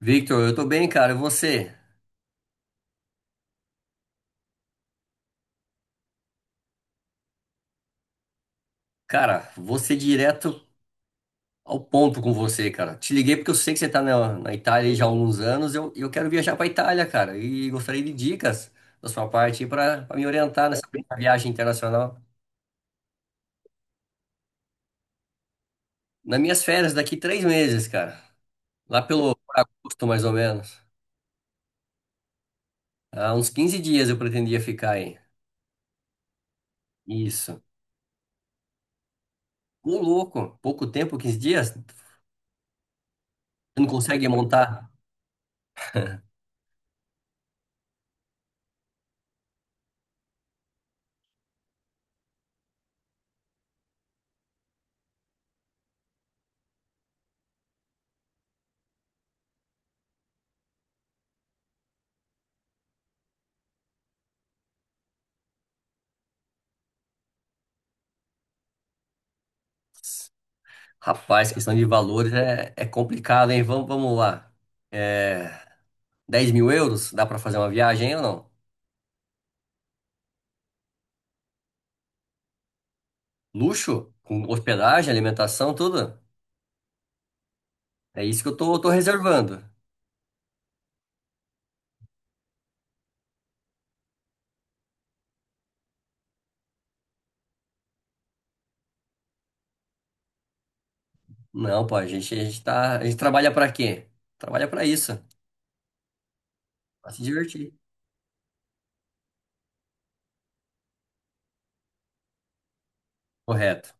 Victor, eu tô bem, cara. E você? Cara, vou ser direto ao ponto com você, cara. Te liguei porque eu sei que você tá na Itália aí já há alguns anos. Eu quero viajar pra Itália, cara. E gostaria de dicas da sua parte aí pra me orientar nessa viagem internacional. Nas minhas férias, daqui 3 meses, cara. Lá pelo por agosto, mais ou menos. Há uns 15 dias eu pretendia ficar aí. Isso. Ô, louco. Pouco tempo, 15 dias? Você não consegue montar? Rapaz, questão de valores é complicado, hein? Vamos, vamos lá. É, 10 mil euros, dá pra fazer uma viagem hein, ou não? Luxo, com hospedagem, alimentação, tudo? É isso que eu tô reservando. Não, pô, a gente trabalha pra quê? Trabalha pra isso, pra se divertir. Correto.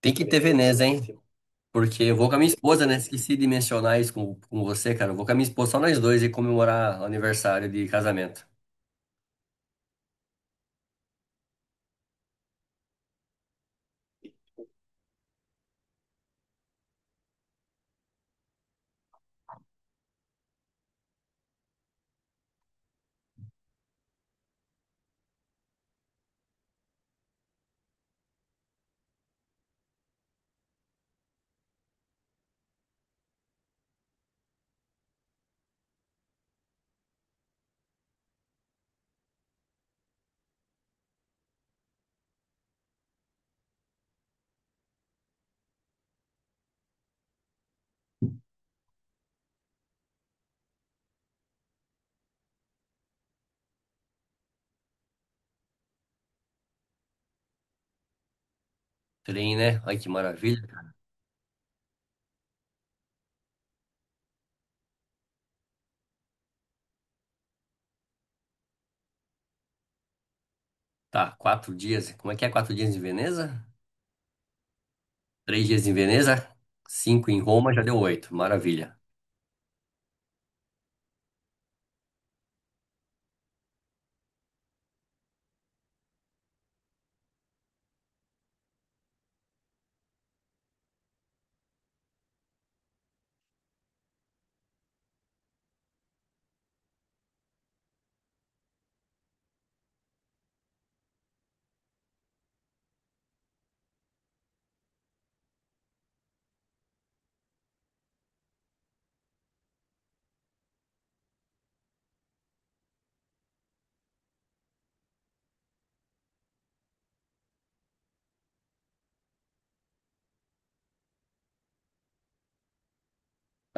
Tem que ter Veneza, hein? Porque eu vou com a minha esposa, né? Esqueci de mencionar isso com você, cara. Eu vou com a minha esposa, só nós dois, e comemorar o aniversário de casamento. Trem, né? Ai, que maravilha. Tá, 4 dias. Como é que é 4 dias em Veneza? 3 dias em Veneza, cinco em Roma, já deu oito. Maravilha.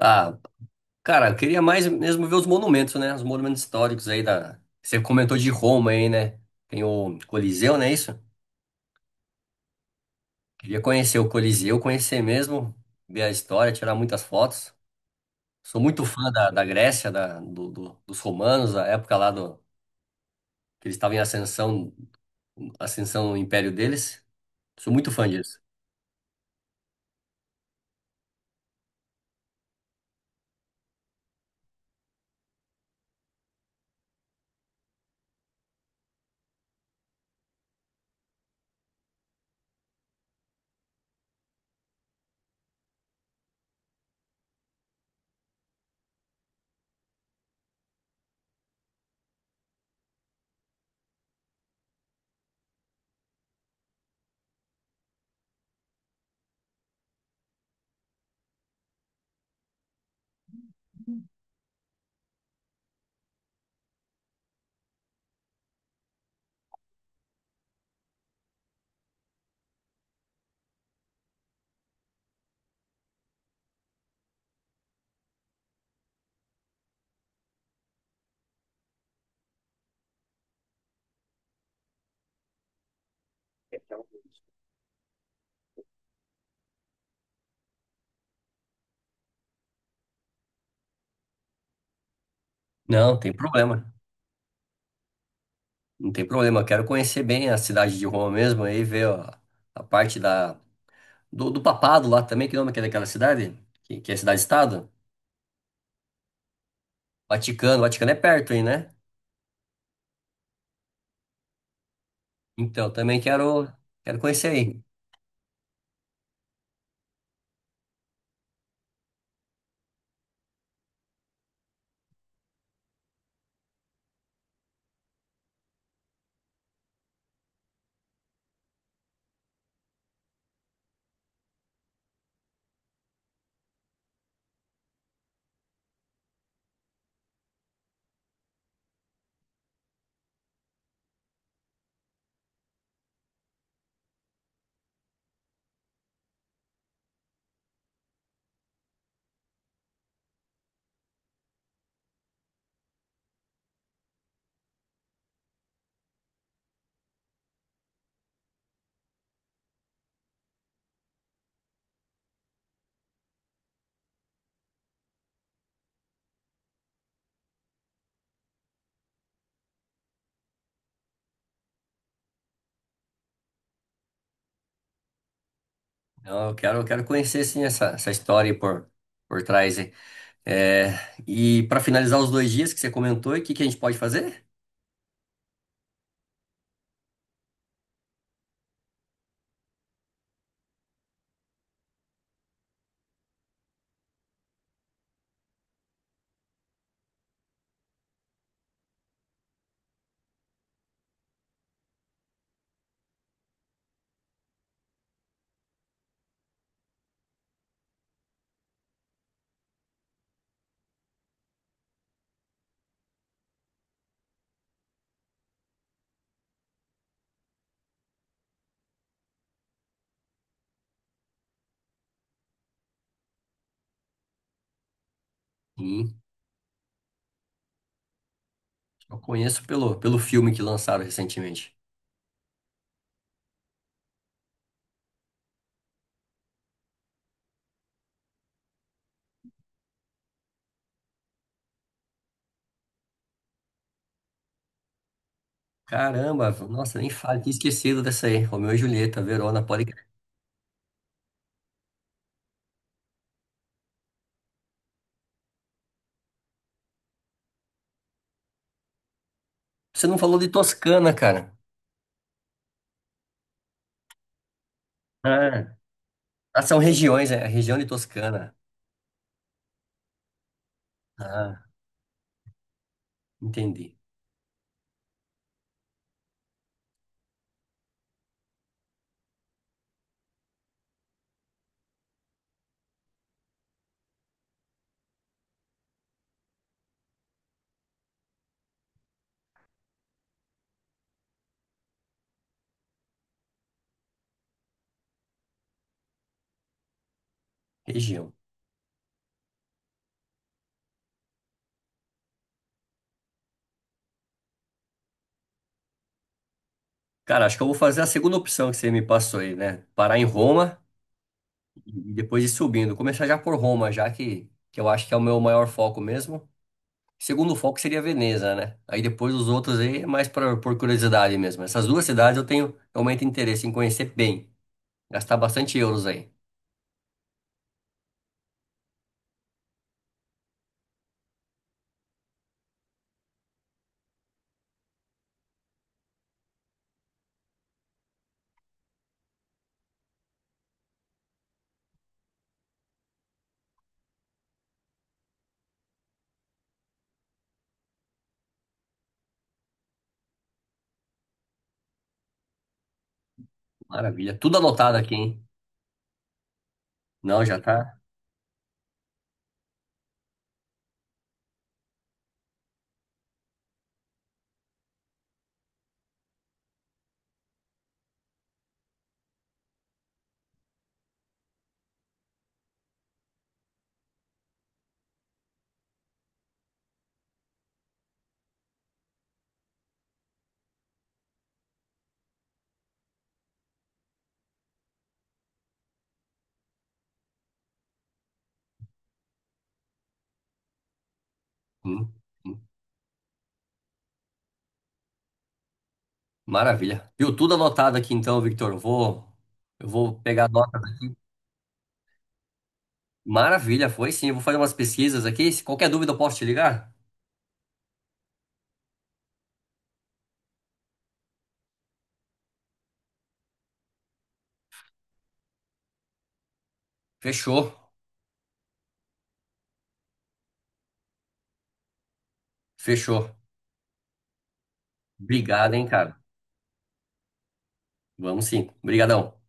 Ah, cara, eu queria mais mesmo ver os monumentos, né? Os monumentos históricos aí da. Você comentou de Roma aí, né? Tem o Coliseu, não é isso? Queria conhecer o Coliseu, conhecer mesmo, ver a história, tirar muitas fotos. Sou muito fã da Grécia, dos romanos, da época lá que eles estavam em ascensão no império deles. Sou muito fã disso. Não, tem problema. Não tem problema, eu quero conhecer bem a cidade de Roma mesmo, aí ver ó, a parte do papado lá também, que nome que é daquela cidade? Que é cidade-estado? Vaticano, Vaticano é perto aí, né? Então, eu também quero conhecer aí. Então, eu quero conhecer sim essa história aí por trás aí. É, e para finalizar os 2 dias que você comentou, o que, que a gente pode fazer? Sim, eu conheço pelo filme que lançaram recentemente. Caramba, nossa, nem falo, tinha esquecido dessa aí. Romeu e Julieta, Verona, pode. Você não falou de Toscana, cara. Ah, Ah, são regiões, é a região de Toscana. Ah, entendi. Região. Cara, acho que eu vou fazer a segunda opção que você me passou aí, né? Parar em Roma e depois ir subindo. Começar já por Roma, já que eu acho que é o meu maior foco mesmo. Segundo foco seria Veneza, né? Aí depois os outros aí é mais por curiosidade mesmo. Essas duas cidades eu tenho realmente interesse em conhecer bem. Gastar bastante euros aí. Maravilha. Tudo anotado aqui, hein? Não, já tá. Hum. Maravilha. Viu tudo anotado aqui então, Victor. Eu vou pegar a nota. Maravilha, foi sim. Eu vou fazer umas pesquisas aqui. Se qualquer dúvida, eu posso te ligar? Fechou, fechou. Obrigado, hein, cara. Vamos sim. Obrigadão.